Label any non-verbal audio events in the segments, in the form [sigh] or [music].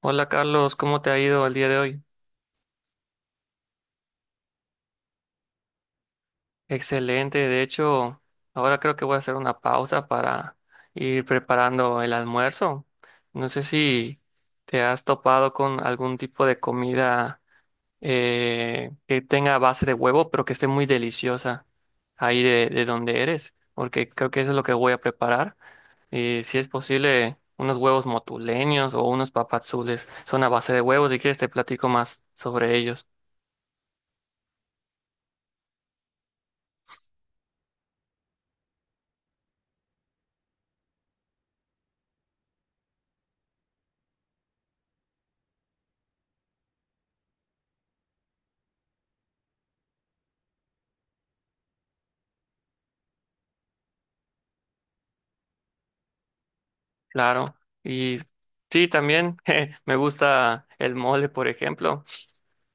Hola Carlos, ¿cómo te ha ido el día de hoy? Excelente, de hecho, ahora creo que voy a hacer una pausa para ir preparando el almuerzo. No sé si te has topado con algún tipo de comida que tenga base de huevo, pero que esté muy deliciosa ahí de donde eres, porque creo que eso es lo que voy a preparar. Y si es posible, unos huevos motuleños o unos papazules son a base de huevos. Si quieres, te platico más sobre ellos. Claro, y sí, también [laughs] je, me gusta el mole, por ejemplo,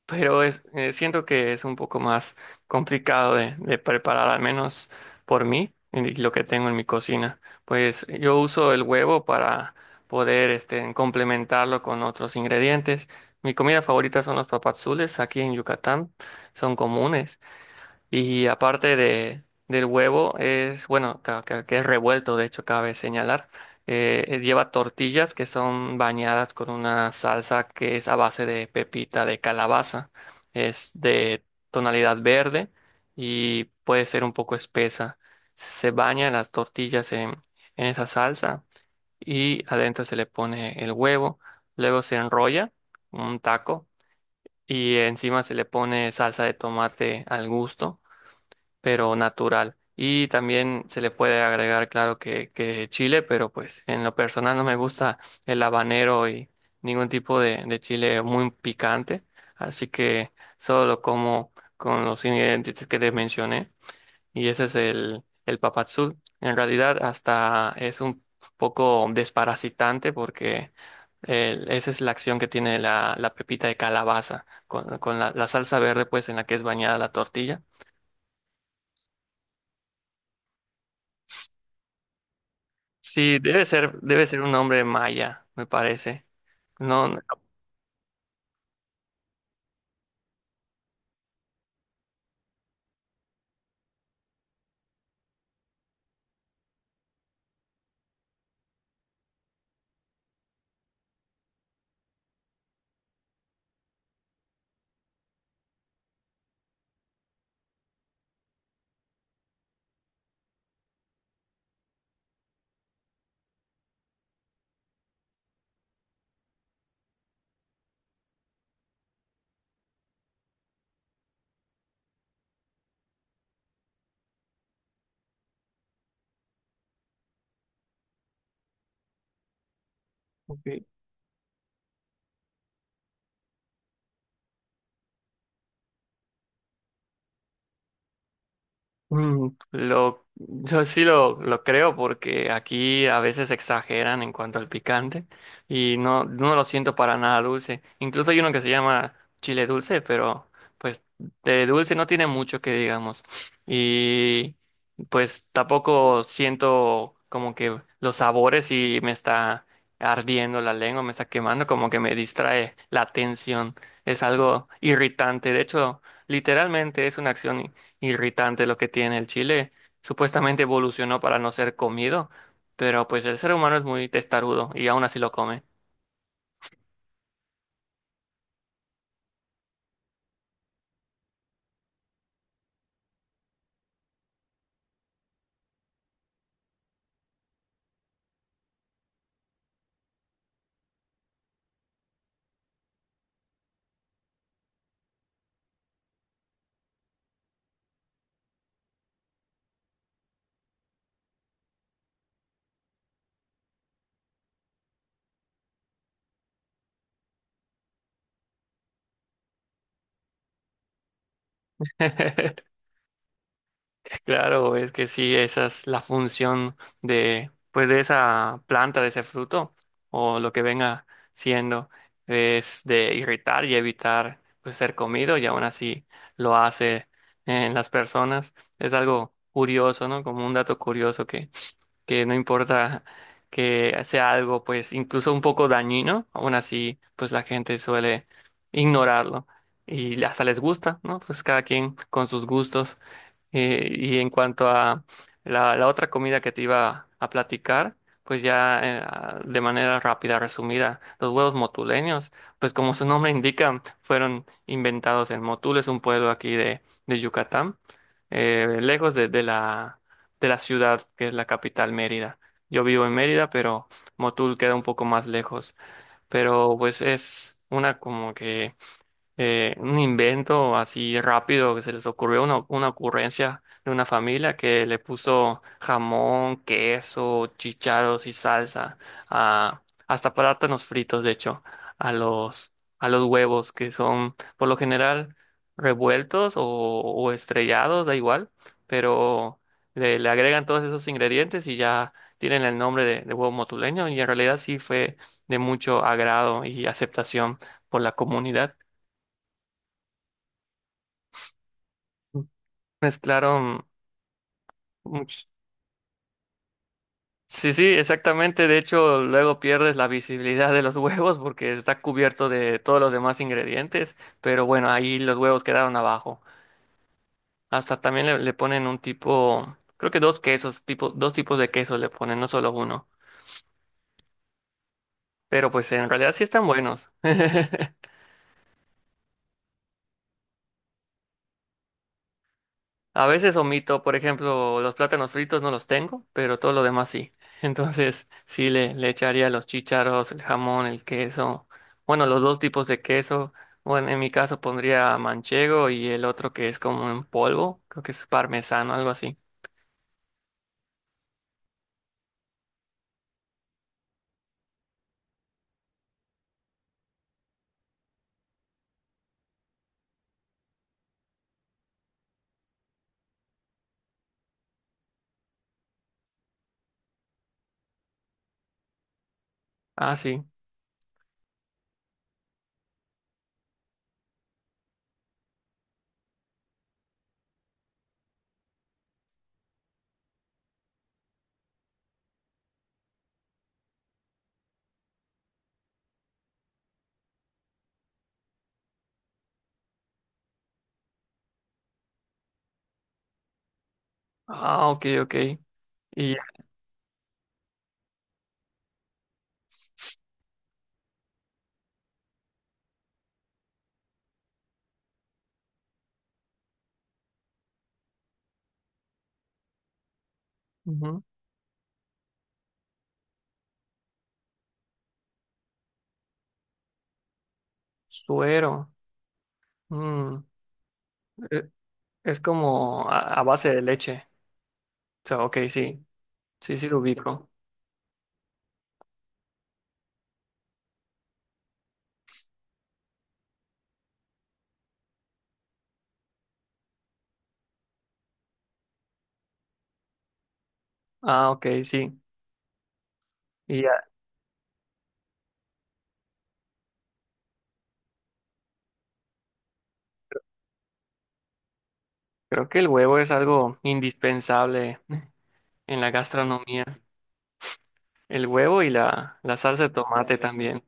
pero es, siento que es un poco más complicado de preparar, al menos por mí y lo que tengo en mi cocina. Pues yo uso el huevo para poder este, complementarlo con otros ingredientes. Mi comida favorita son los papadzules aquí en Yucatán, son comunes. Y aparte del huevo, es, bueno, que es revuelto, de hecho, cabe señalar. Lleva tortillas que son bañadas con una salsa que es a base de pepita de calabaza. Es de tonalidad verde y puede ser un poco espesa. Se bañan las tortillas en esa salsa y adentro se le pone el huevo. Luego se enrolla un taco y encima se le pone salsa de tomate al gusto pero natural. Y también se le puede agregar, claro, que chile, pero pues en lo personal no me gusta el habanero y ningún tipo de chile muy picante. Así que solo lo como con los ingredientes que te mencioné. Y ese es el papadzul. En realidad hasta es un poco desparasitante porque esa es la acción que tiene la pepita de calabaza con la salsa verde pues en la que es bañada la tortilla. Sí, debe ser un nombre maya, me parece. No, no. Ok. Mm, lo, yo sí lo creo porque aquí a veces exageran en cuanto al picante y no, no lo siento para nada dulce. Incluso hay uno que se llama chile dulce, pero pues de dulce no tiene mucho que digamos. Y pues tampoco siento como que los sabores y me está ardiendo la lengua, me está quemando, como que me distrae la atención. Es algo irritante. De hecho, literalmente es una acción irritante lo que tiene el chile. Supuestamente evolucionó para no ser comido, pero pues el ser humano es muy testarudo y aún así lo come. [laughs] Claro, es que sí, esa es la función de, pues, de esa planta, de ese fruto, o lo que venga siendo, es de irritar y evitar, pues, ser comido, y aún así lo hace en las personas. Es algo curioso, ¿no? Como un dato curioso que no importa que sea algo, pues incluso un poco dañino, aún así, pues la gente suele ignorarlo y hasta les gusta, ¿no? Pues cada quien con sus gustos. Y en cuanto a la otra comida que te iba a platicar, pues ya a- de manera rápida, resumida, los huevos motuleños, pues como su nombre indica, fueron inventados en Motul, es un pueblo aquí de Yucatán, lejos de la ciudad, que es la capital, Mérida. Yo vivo en Mérida, pero Motul queda un poco más lejos. Pero pues es una como que un invento así rápido que se les ocurrió, una ocurrencia de una familia que le puso jamón, queso, chícharos y salsa, a, hasta plátanos fritos, de hecho, a los, a los huevos que son por lo general revueltos o estrellados, da igual, pero le agregan todos esos ingredientes y ya tienen el nombre de huevo motuleño y en realidad sí fue de mucho agrado y aceptación por la comunidad. Mezclaron mucho. Sí, sí, exactamente. De hecho, luego pierdes la visibilidad de los [laughs] huevos porque está cubierto de todos los demás ingredientes. Pero bueno, ahí los huevos quedaron abajo. Hasta también le ponen un tipo, creo que dos quesos, tipo, dos tipos de queso le ponen, no solo uno. Pero pues en realidad sí están buenos. [laughs] A veces omito, por ejemplo, los plátanos fritos no los tengo, pero todo lo demás sí. [laughs] Entonces, sí le echaría los chícharos, el jamón, el queso. Bueno, los dos tipos de queso. Bueno, en mi caso pondría manchego y el otro que es como en polvo, creo que es parmesano, algo así. Ah, sí. Ah, ok, ok. Y ya. Ujú. Suero. Mm, e- es como a base de leche. O sea, ok, sí. Sí, sí lo ubico. Ah, ok, sí. Creo que el huevo es algo indispensable en la gastronomía. El huevo y la salsa de tomate también.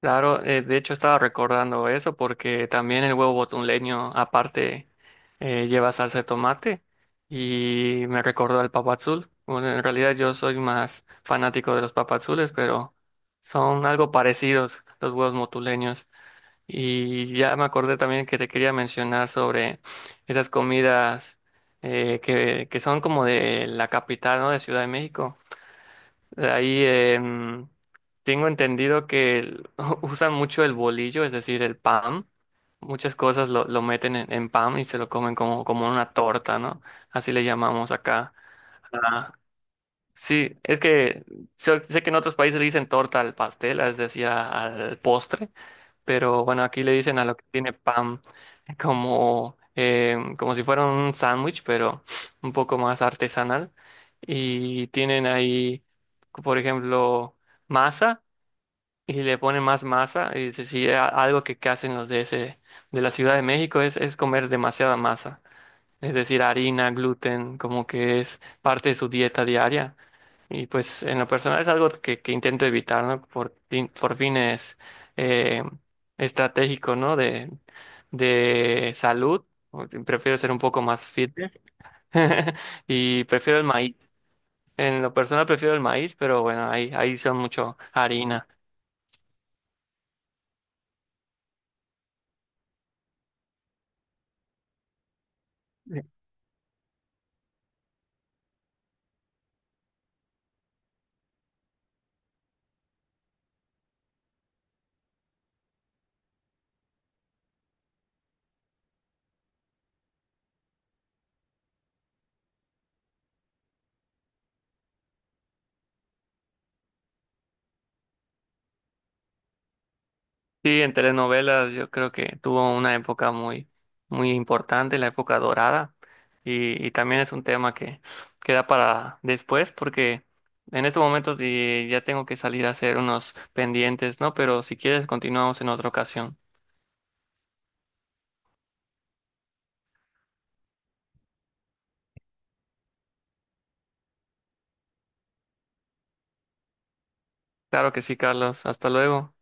Claro, de hecho estaba recordando eso porque también el huevo botuleño aparte lleva salsa de tomate y me recordó al papadzul. Bueno, en realidad yo soy más fanático de los papadzules, pero son algo parecidos los huevos botuleños. Y ya me acordé también que te quería mencionar sobre esas comidas que son como de la capital, ¿no? De Ciudad de México. De ahí tengo entendido que [laughs] usan mucho el bolillo, es decir, el pan. Muchas cosas lo meten en pan y se lo comen como, como una torta, ¿no? Así le llamamos acá. Ah, sí, es que sé que en otros países le dicen torta al pastel, es decir, al postre, pero bueno, aquí le dicen a lo que tiene pan [laughs] como, como si fuera un sándwich, pero [sniffs] un poco más artesanal. Y tienen ahí, por ejemplo, masa y si le ponen más masa. Y es decir, algo que hacen los de ese, de la Ciudad de México es comer demasiada masa, es decir, harina, gluten, como que es parte de su dieta diaria. Y pues en lo personal es algo que intento evitar, ¿no? Por, por fines eh, estratégicos, ¿no? De salud. Prefiero ser un poco más fit [laughs] y prefiero el maíz. En lo personal prefiero el maíz, pero bueno, ahí, ahí son mucho harina. Sí, en telenovelas yo creo que tuvo una época muy, muy importante, la época dorada, y también es un tema que queda para después, porque en este momento ya tengo que salir a hacer unos pendientes, ¿no? Pero si quieres, continuamos en otra ocasión. Claro que sí, Carlos, hasta luego.